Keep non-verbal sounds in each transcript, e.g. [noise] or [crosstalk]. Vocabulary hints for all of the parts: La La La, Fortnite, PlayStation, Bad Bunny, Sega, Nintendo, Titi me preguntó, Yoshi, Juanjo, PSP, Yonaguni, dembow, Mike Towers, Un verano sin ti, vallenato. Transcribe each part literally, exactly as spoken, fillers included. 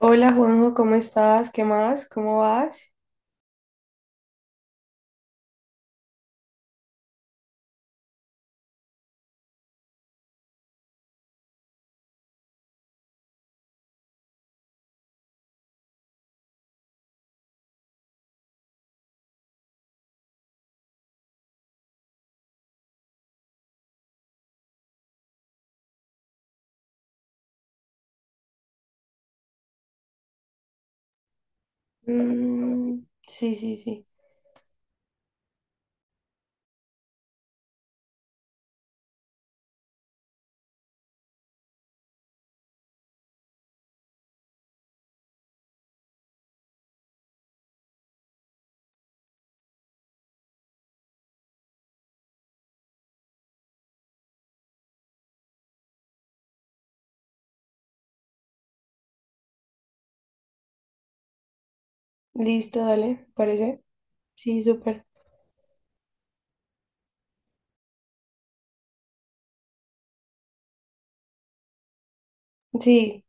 Hola Juanjo, ¿cómo estás? ¿Qué más? ¿Cómo vas? Mm, sí, sí, sí. Listo, dale, parece. Sí, súper. Sí,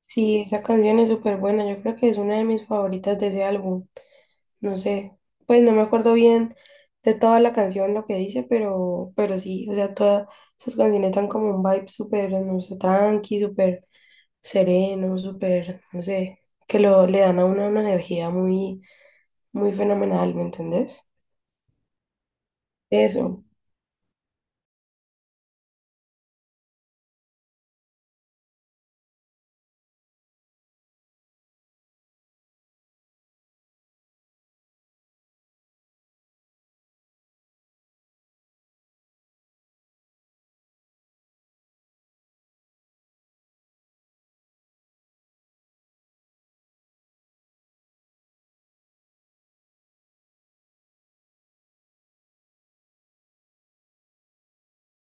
sí, esa canción es súper buena. Yo creo que es una de mis favoritas de ese álbum. No sé, pues no me acuerdo bien de toda la canción, lo que dice, pero, pero sí, o sea, todas esas canciones dan como un vibe súper, no sé, tranqui, súper sereno, súper, no sé, que lo, le dan a uno una energía muy, muy fenomenal, ¿me entendés? Eso.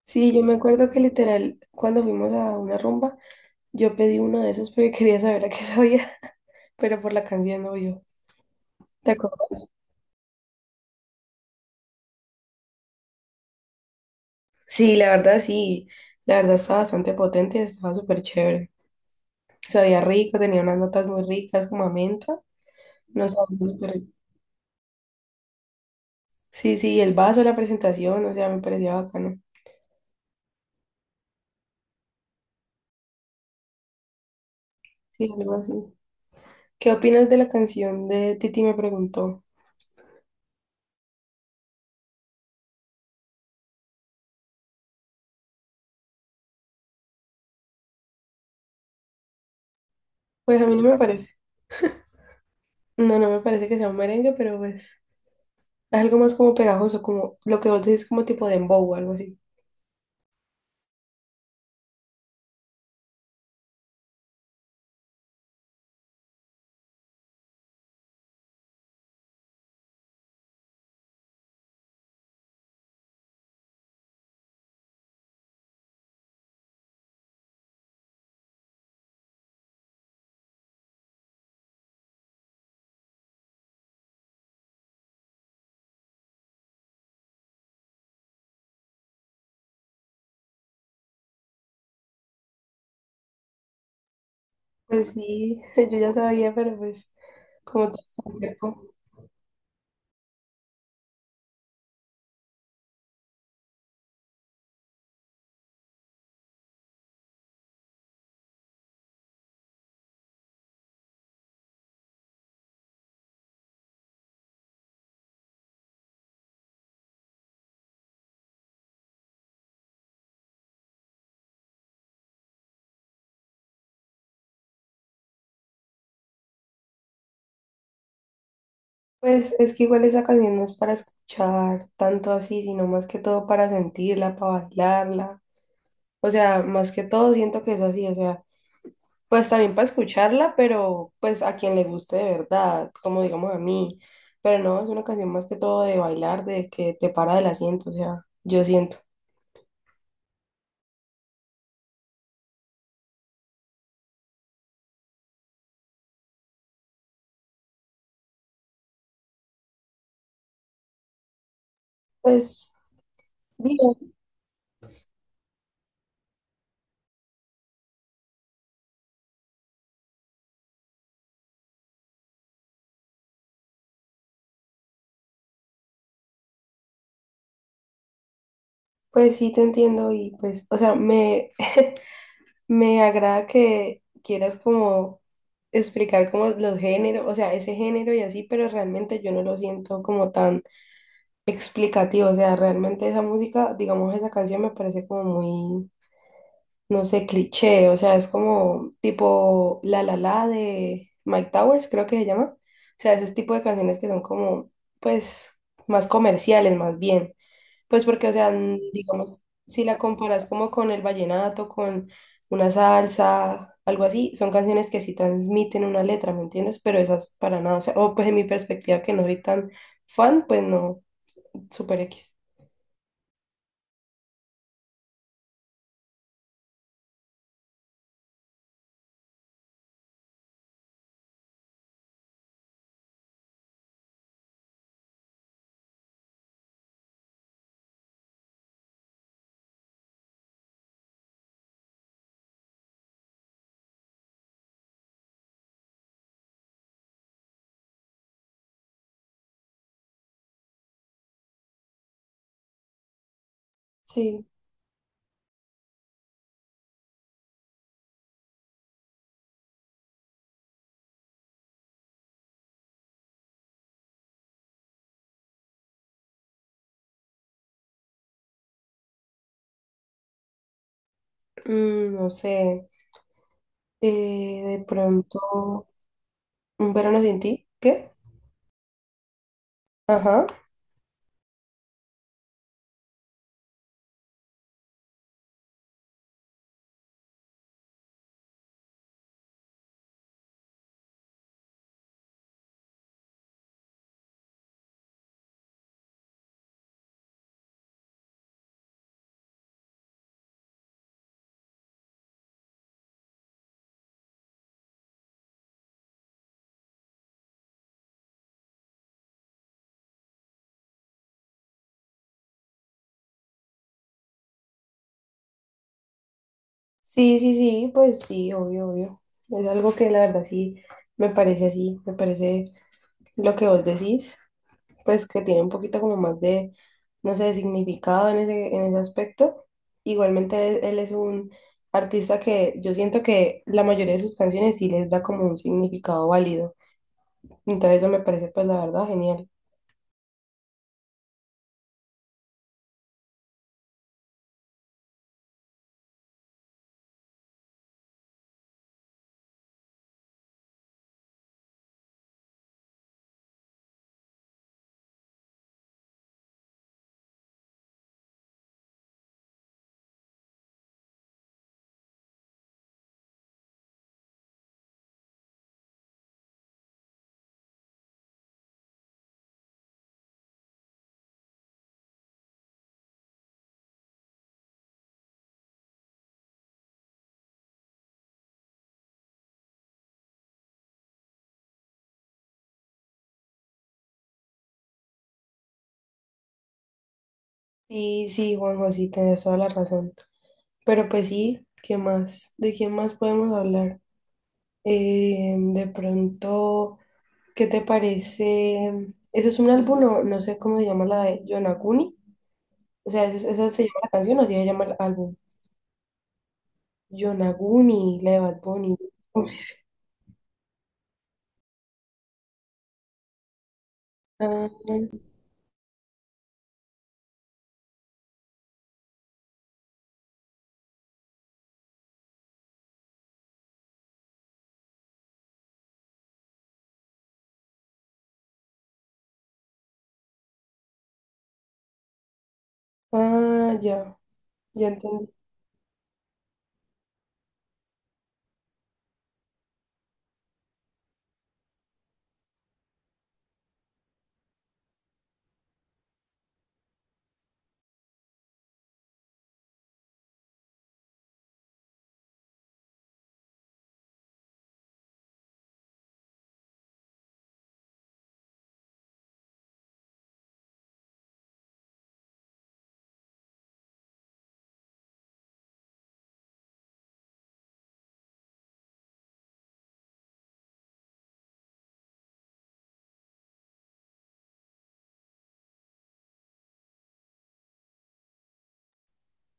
Sí, yo me acuerdo que literal, cuando fuimos a una rumba, yo pedí uno de esos porque [laughs] quería saber a qué sabía, [laughs] pero por la canción no yo. ¿Te acuerdas? Sí, la verdad sí. La verdad estaba bastante potente, estaba súper chévere. Sabía rico, tenía unas notas muy ricas como a menta. No estaba súper. Sí, sí, el vaso, la presentación, o sea, me parecía bacano. Sí, algo así. ¿Qué opinas de la canción de Titi me Preguntó? Pues a mí no me parece. No, no me parece que sea un merengue, pero pues algo más como pegajoso, como lo que vos decís, como tipo dembow o algo así. Pues sí, [laughs] yo ya sabía, pero pues como todo está cerco. Pues es que igual esa canción no es para escuchar tanto así, sino más que todo para sentirla, para bailarla. O sea, más que todo siento que es así, o sea, pues también para escucharla, pero pues a quien le guste de verdad, como digamos a mí. Pero no, es una canción más que todo de bailar, de que te para del asiento, o sea, yo siento. Pues, bien. Pues sí, te entiendo y pues, o sea, me, me agrada que quieras como explicar como los géneros, o sea, ese género y así, pero realmente yo no lo siento como tan explicativo, o sea, realmente esa música, digamos, esa canción me parece como muy, no sé, cliché, o sea, es como tipo La La La de Mike Towers, creo que se llama, o sea, ese tipo de canciones que son como, pues, más comerciales, más bien. Pues porque, o sea, n- digamos, si la comparas como con el vallenato, con una salsa, algo así, son canciones que sí transmiten una letra, ¿me entiendes? Pero esas para nada, o sea, o pues en mi perspectiva que no soy tan fan, pues no, super X. Sí, mm, no sé, eh, de pronto, un verano sin ti, ¿qué? Ajá. Sí, sí, sí, pues sí, obvio, obvio. Es algo que la verdad sí me parece así, me parece lo que vos decís. Pues que tiene un poquito como más de, no sé, de significado en ese, en ese aspecto. Igualmente él es un artista que yo siento que la mayoría de sus canciones sí les da como un significado válido. Entonces eso me parece pues la verdad genial. Sí, sí, Juanjo, sí, tienes toda la razón. Pero pues sí, ¿qué más? ¿De quién más podemos hablar? Eh, de pronto, ¿qué te parece? ¿Eso es un álbum? No, no sé cómo se llama la de Yonaguni. O sea, ¿esa esa se llama la canción o así se llama el álbum? Yonaguni, la de Bad Bunny. Ah, ah, ya, ya entendí.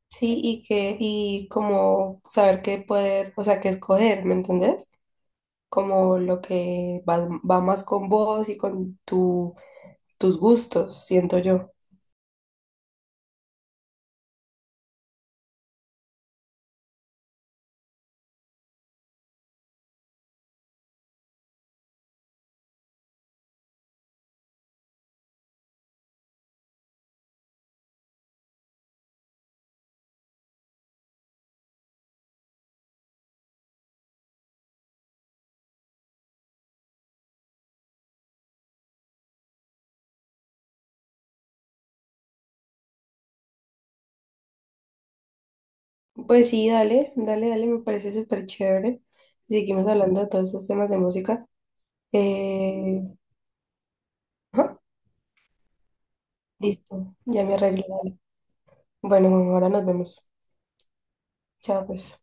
Sí, y que, y como saber qué poder, o sea, qué escoger, ¿me entendés? Como lo que va, va más con vos y con tu, tus gustos, siento yo. Pues sí, dale, dale, dale, me parece súper chévere. Seguimos hablando de todos esos temas de música. Eh, ajá, listo, ya me arreglo. Dale. Bueno, ahora nos vemos. Chao, pues.